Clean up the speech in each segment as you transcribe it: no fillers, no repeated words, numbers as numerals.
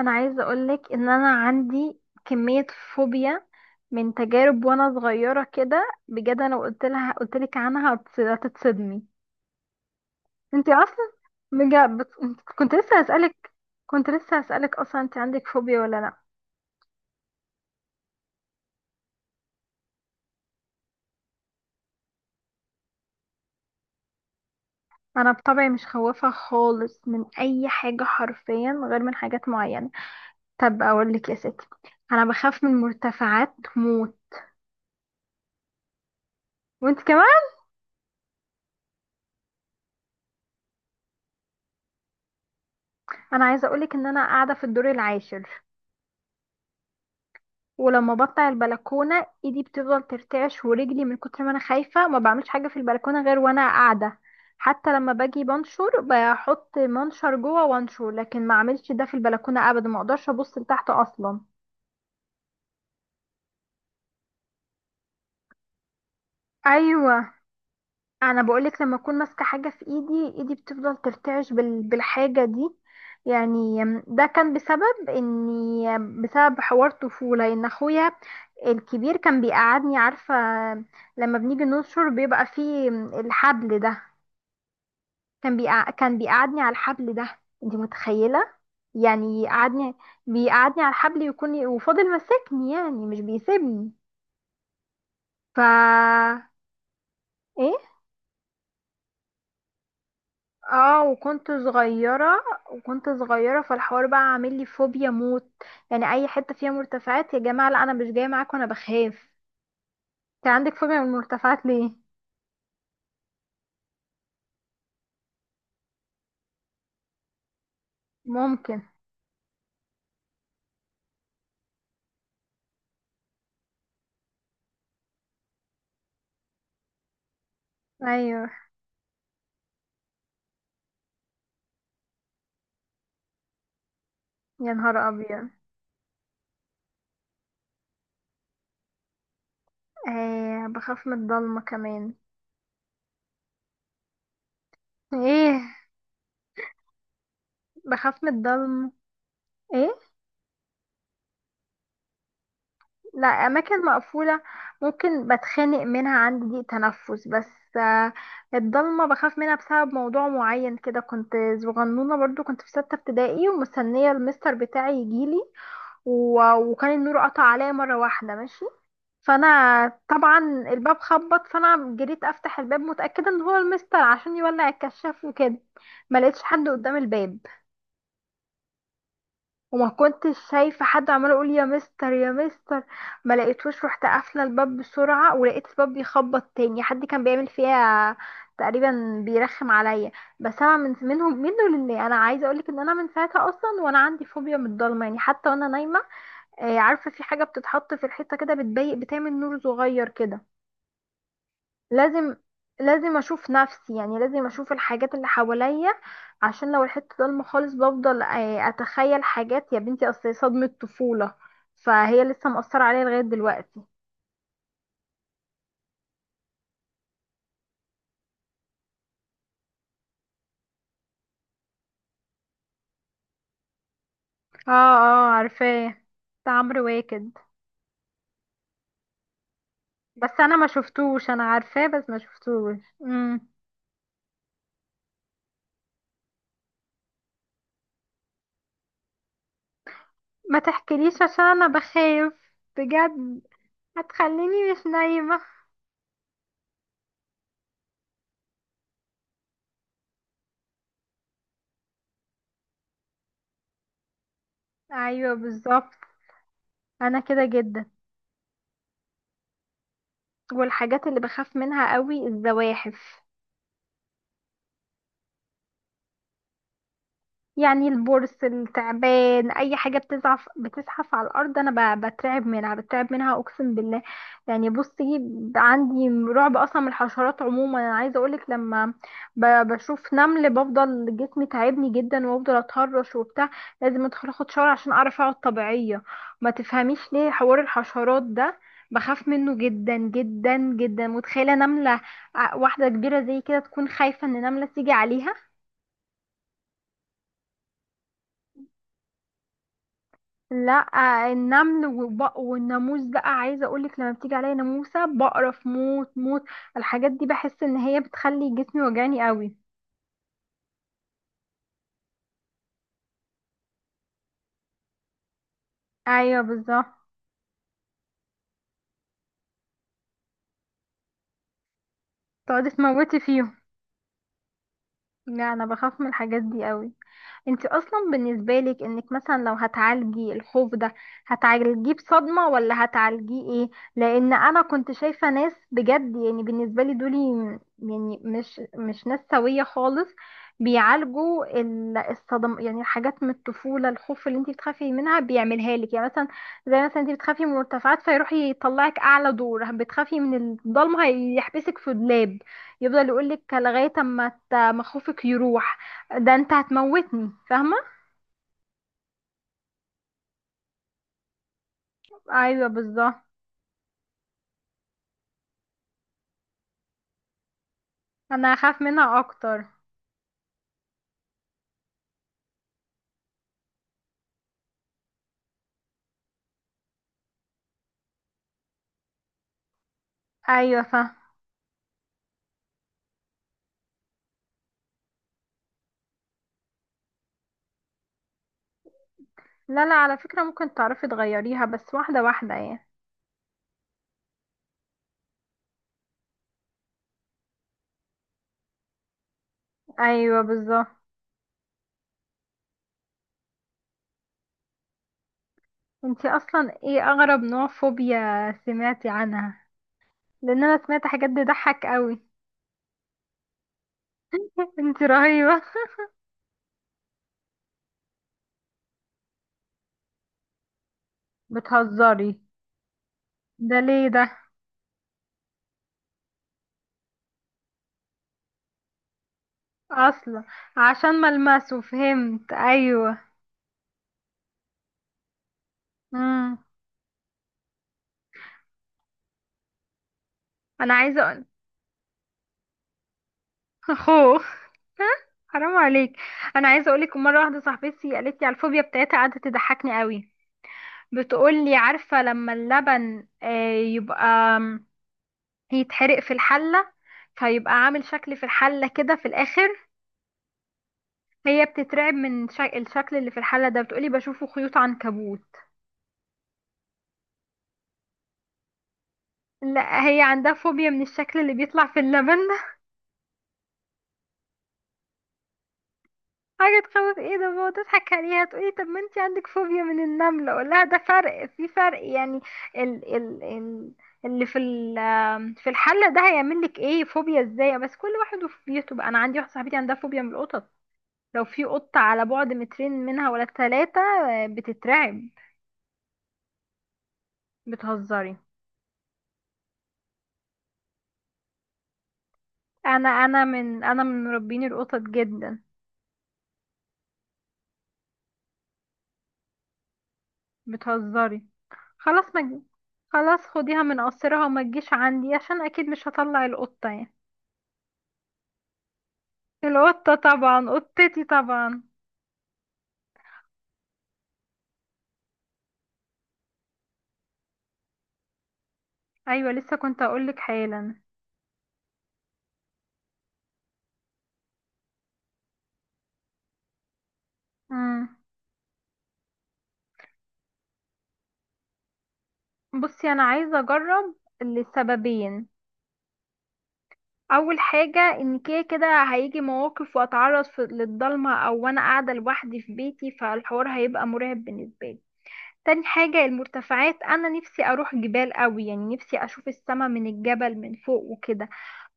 انا عايزه اقولك ان انا عندي كميه فوبيا من تجارب وانا صغيره كده بجد، انا لو قلت لك عنها هتتصدمي. انت اصلا، بجد كنت لسه هسالك اصلا، انت عندك فوبيا ولا لا؟ انا بطبعي مش خوافه خالص من اي حاجه حرفيا، غير من حاجات معينه. طب اقول لك يا ستي، انا بخاف من مرتفعات موت. وانت كمان؟ انا عايزه اقولك ان انا قاعده في الدور العاشر، ولما بطلع البلكونه ايدي بتفضل ترتعش ورجلي من كتر ما انا خايفه، ما بعملش حاجه في البلكونه غير وانا قاعده. حتى لما باجي بنشر بحط منشر جوه وانشر، لكن ما اعملش ده في البلكونه ابدا، ما اقدرش ابص لتحت اصلا. ايوه، انا بقولك لما اكون ماسكه حاجه في ايدي، ايدي بتفضل ترتعش بالحاجه دي. يعني ده كان بسبب حوار طفوله، ان اخويا الكبير كان بيقعدني، عارفة؟ لما بنيجي ننشر بيبقى فيه الحبل ده، كان بيقعدني على الحبل ده، انت متخيلة؟ يعني يقعدني، بيقعدني على الحبل، يكون وفضل ماسكني، يعني مش بيسيبني. ف ايه، اه، وكنت صغيرة فالحوار بقى عامل لي فوبيا موت. يعني اي حتة فيها مرتفعات يا جماعة، لا انا مش جاية معاكم، انا بخاف. انت عندك فوبيا من المرتفعات ليه؟ ممكن. ايوه، يا نهار ابيض. آه، بخاف من الضلمة كمان. ايه. بخاف من الضلمة. ايه. لا، اماكن مقفولة ممكن بتخانق منها، عندي ضيق تنفس، بس آه، الضلمة بخاف منها بسبب موضوع معين كده. كنت صغنونة برضو، كنت في 6 ابتدائي ومستنية المستر بتاعي يجيلي، وكان النور قطع عليا مرة واحدة. ماشي، فانا طبعا، الباب خبط، فانا جريت افتح الباب متأكدة ان هو المستر عشان يولع الكشاف وكده. ما لقيتش حد قدام الباب، وما كنتش شايفة حد، عمال يقول يا مستر يا مستر، ما لقيتوش. رحت قافلة الباب بسرعة ولقيت الباب بيخبط تاني، حد كان بيعمل فيها تقريبا، بيرخم عليا. بس انا من منه منه لله، انا عايزه اقولك ان انا من ساعتها اصلا وانا عندي فوبيا من الضلمه، يعني حتى وانا نايمه، عارفه في حاجه بتتحط في الحيطه كده بتضيق، بتعمل نور صغير كده. لازم لازم اشوف نفسي، يعني لازم اشوف الحاجات اللي حواليا، عشان لو الحته ضلمه خالص بفضل اتخيل حاجات، يا بنتي، اصل هي صدمه طفوله، فهي لسه مأثره عليا لغايه دلوقتي. اه اه، عارفاه، بتاع عمرو واكد؟ بس انا ما شفتوش، انا عارفاه بس ما شفتوش. امم. ما تحكيليش عشان انا بخاف بجد، هتخليني مش نايمه. ايوه بالظبط، انا كده جدا. والحاجات اللي بخاف منها قوي الزواحف، يعني البرص، التعبان، اي حاجه بتزعف بتزحف على الارض انا بترعب منها، بترعب منها اقسم بالله. يعني بصي، عندي رعب اصلا من الحشرات عموما. انا عايزه اقولك لما بشوف نمل بفضل جسمي تعبني جدا وافضل اتهرش وبتاع، لازم ادخل اخد شاور عشان اعرف اقعد طبيعيه. ما تفهميش ليه حوار الحشرات ده، بخاف منه جدا جدا جدا. متخيله نمله واحده كبيره زي كده تكون خايفه ان نمله تيجي عليها. لا، النمل والبق والناموس بقى، عايزه اقولك لما بتيجي عليا ناموسه بقرف موت موت، الحاجات دي بحس ان هي بتخلي جسمي وجعني قوي. ايوه بالظبط، تقعدي تموتي فيهم. لا، انا بخاف من الحاجات دي قوي. انت اصلا بالنسبه لك، انك مثلا لو هتعالجي الخوف ده هتعالجيه بصدمه ولا هتعالجيه ايه؟ لان انا كنت شايفه ناس، بجد يعني بالنسبه لي دول يعني مش ناس سويه خالص، بيعالجوا الصدم، يعني حاجات من الطفوله، الخوف اللي انت بتخافي منها بيعملها لك، يعني مثلا، زي مثلا انت بتخافي من المرتفعات فيروح يطلعك اعلى دور، بتخافي من الضلمه هيحبسك في دولاب، يفضل يقولك لغايه اما ما خوفك يروح. ده انت هتموتني، فاهمة؟ ايوه بالظبط، انا هخاف منها اكتر. ايوه فاهمة. لا لا، على فكرة ممكن تعرفي تغيريها، بس واحدة واحدة يعني. ايوه بالظبط. انتي اصلا ايه اغرب نوع فوبيا سمعتي عنها؟ لان انا سمعت حاجات تضحك قوي. انتي رهيبة، بتهزري؟ ده ليه ده؟ اصلا عشان ملمسه، فهمت، ايوه. امم. انا عايزة. اخوه؟ ها؟ حرام عليك. انا عايزه اقولك، مره واحده صاحبتي قالت لي على الفوبيا بتاعتها قعدت تضحكني قوي. بتقول لي، عارفه لما اللبن يبقى آم، يتحرق في الحله، فيبقى عامل شكل في الحله كده في الاخر. هي بتترعب من الشكل اللي في الحله ده، بتقولي بشوفه خيوط عنكبوت. لا، هي عندها فوبيا من الشكل اللي بيطلع في اللبن. حاجة تخوف ايه ده؟ بابا تضحك عليها، تقولي طب ما انتي عندك فوبيا من النملة، اقول لها ده فرق في فرق يعني. ال ال ال اللي في ال في الحلة ده هيعمل لك ايه؟ فوبيا ازاي؟ بس كل واحد وفوبيته بقى. انا عندي واحدة صاحبتي عندها فوبيا من القطط، لو في قطة على بعد 2 متر منها ولا 3 بتترعب. بتهزري؟ انا انا من انا من مربين القطط جدا. بتهزري؟ خلاص ما تج- خلاص خديها من قصرها وما تجيش عندي، عشان اكيد مش هطلع القطة يعني. القطة طبعا، قطتي طبعا. ايوه، لسه كنت اقولك حالا. مم. بصي، انا عايزه اجرب لسببين: اول حاجه ان كده كده هيجي مواقف واتعرض للضلمه، او وانا قاعده لوحدي في بيتي فالحوار هيبقى مرعب بالنسبه لي. تاني حاجة المرتفعات، أنا نفسي أروح جبال قوي، يعني نفسي أشوف السما من الجبل من فوق وكده.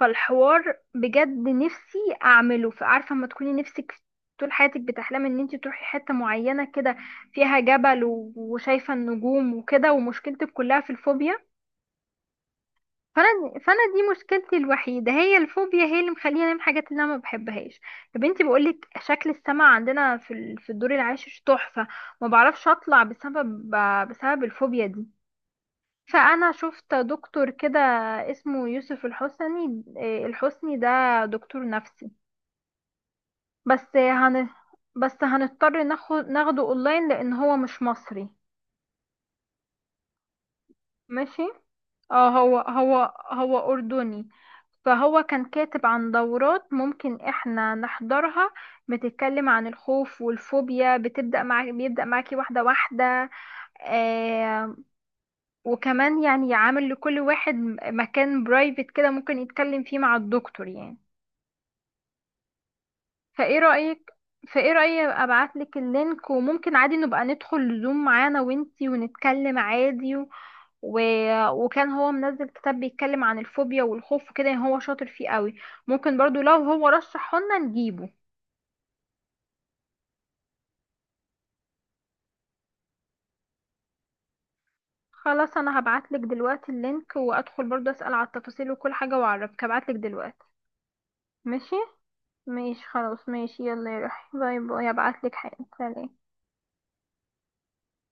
فالحوار بجد نفسي أعمله، فعارفة، ما تكوني نفسك طول حياتك بتحلمي إن انتي تروحي حتة معينة كده فيها جبل وشايفة النجوم وكده، ومشكلتك كلها في الفوبيا. فأنا دي مشكلتي الوحيدة، هي الفوبيا، هي اللي مخليني أعمل حاجات اللي أنا ما بحبهاش. يا بنتي، بقولك شكل السما عندنا في الدور العاشر تحفة، ما بعرفش أطلع بسبب الفوبيا دي. فأنا شفت دكتور كده، اسمه يوسف الحسني، ده دكتور نفسي. بس هن بس هنضطر ناخده اونلاين، لان هو مش مصري. ماشي. اه هو اردني. فهو كان كاتب عن دورات ممكن احنا نحضرها، بتتكلم عن الخوف والفوبيا، بتبدأ معاك بيبدأ معاكي واحدة واحدة. آه. وكمان يعني عامل لكل واحد مكان برايفت كده، ممكن يتكلم فيه مع الدكتور يعني. فايه رأيك فايه رأيك ابعت لك اللينك، وممكن عادي نبقى ندخل زوم معانا وانتي ونتكلم عادي، وكان هو منزل كتاب بيتكلم عن الفوبيا والخوف وكده، يعني هو شاطر فيه قوي. ممكن برضو لو هو رشحه لنا نجيبه. خلاص انا هبعت لك دلوقتي اللينك، وادخل برضو اسأل على التفاصيل وكل حاجة واعرفك، هبعت لك دلوقتي. ماشي، ماشي، خلاص، ماشي، يلا يا روحي، باي باي، هبعت لك حاجة، سلام.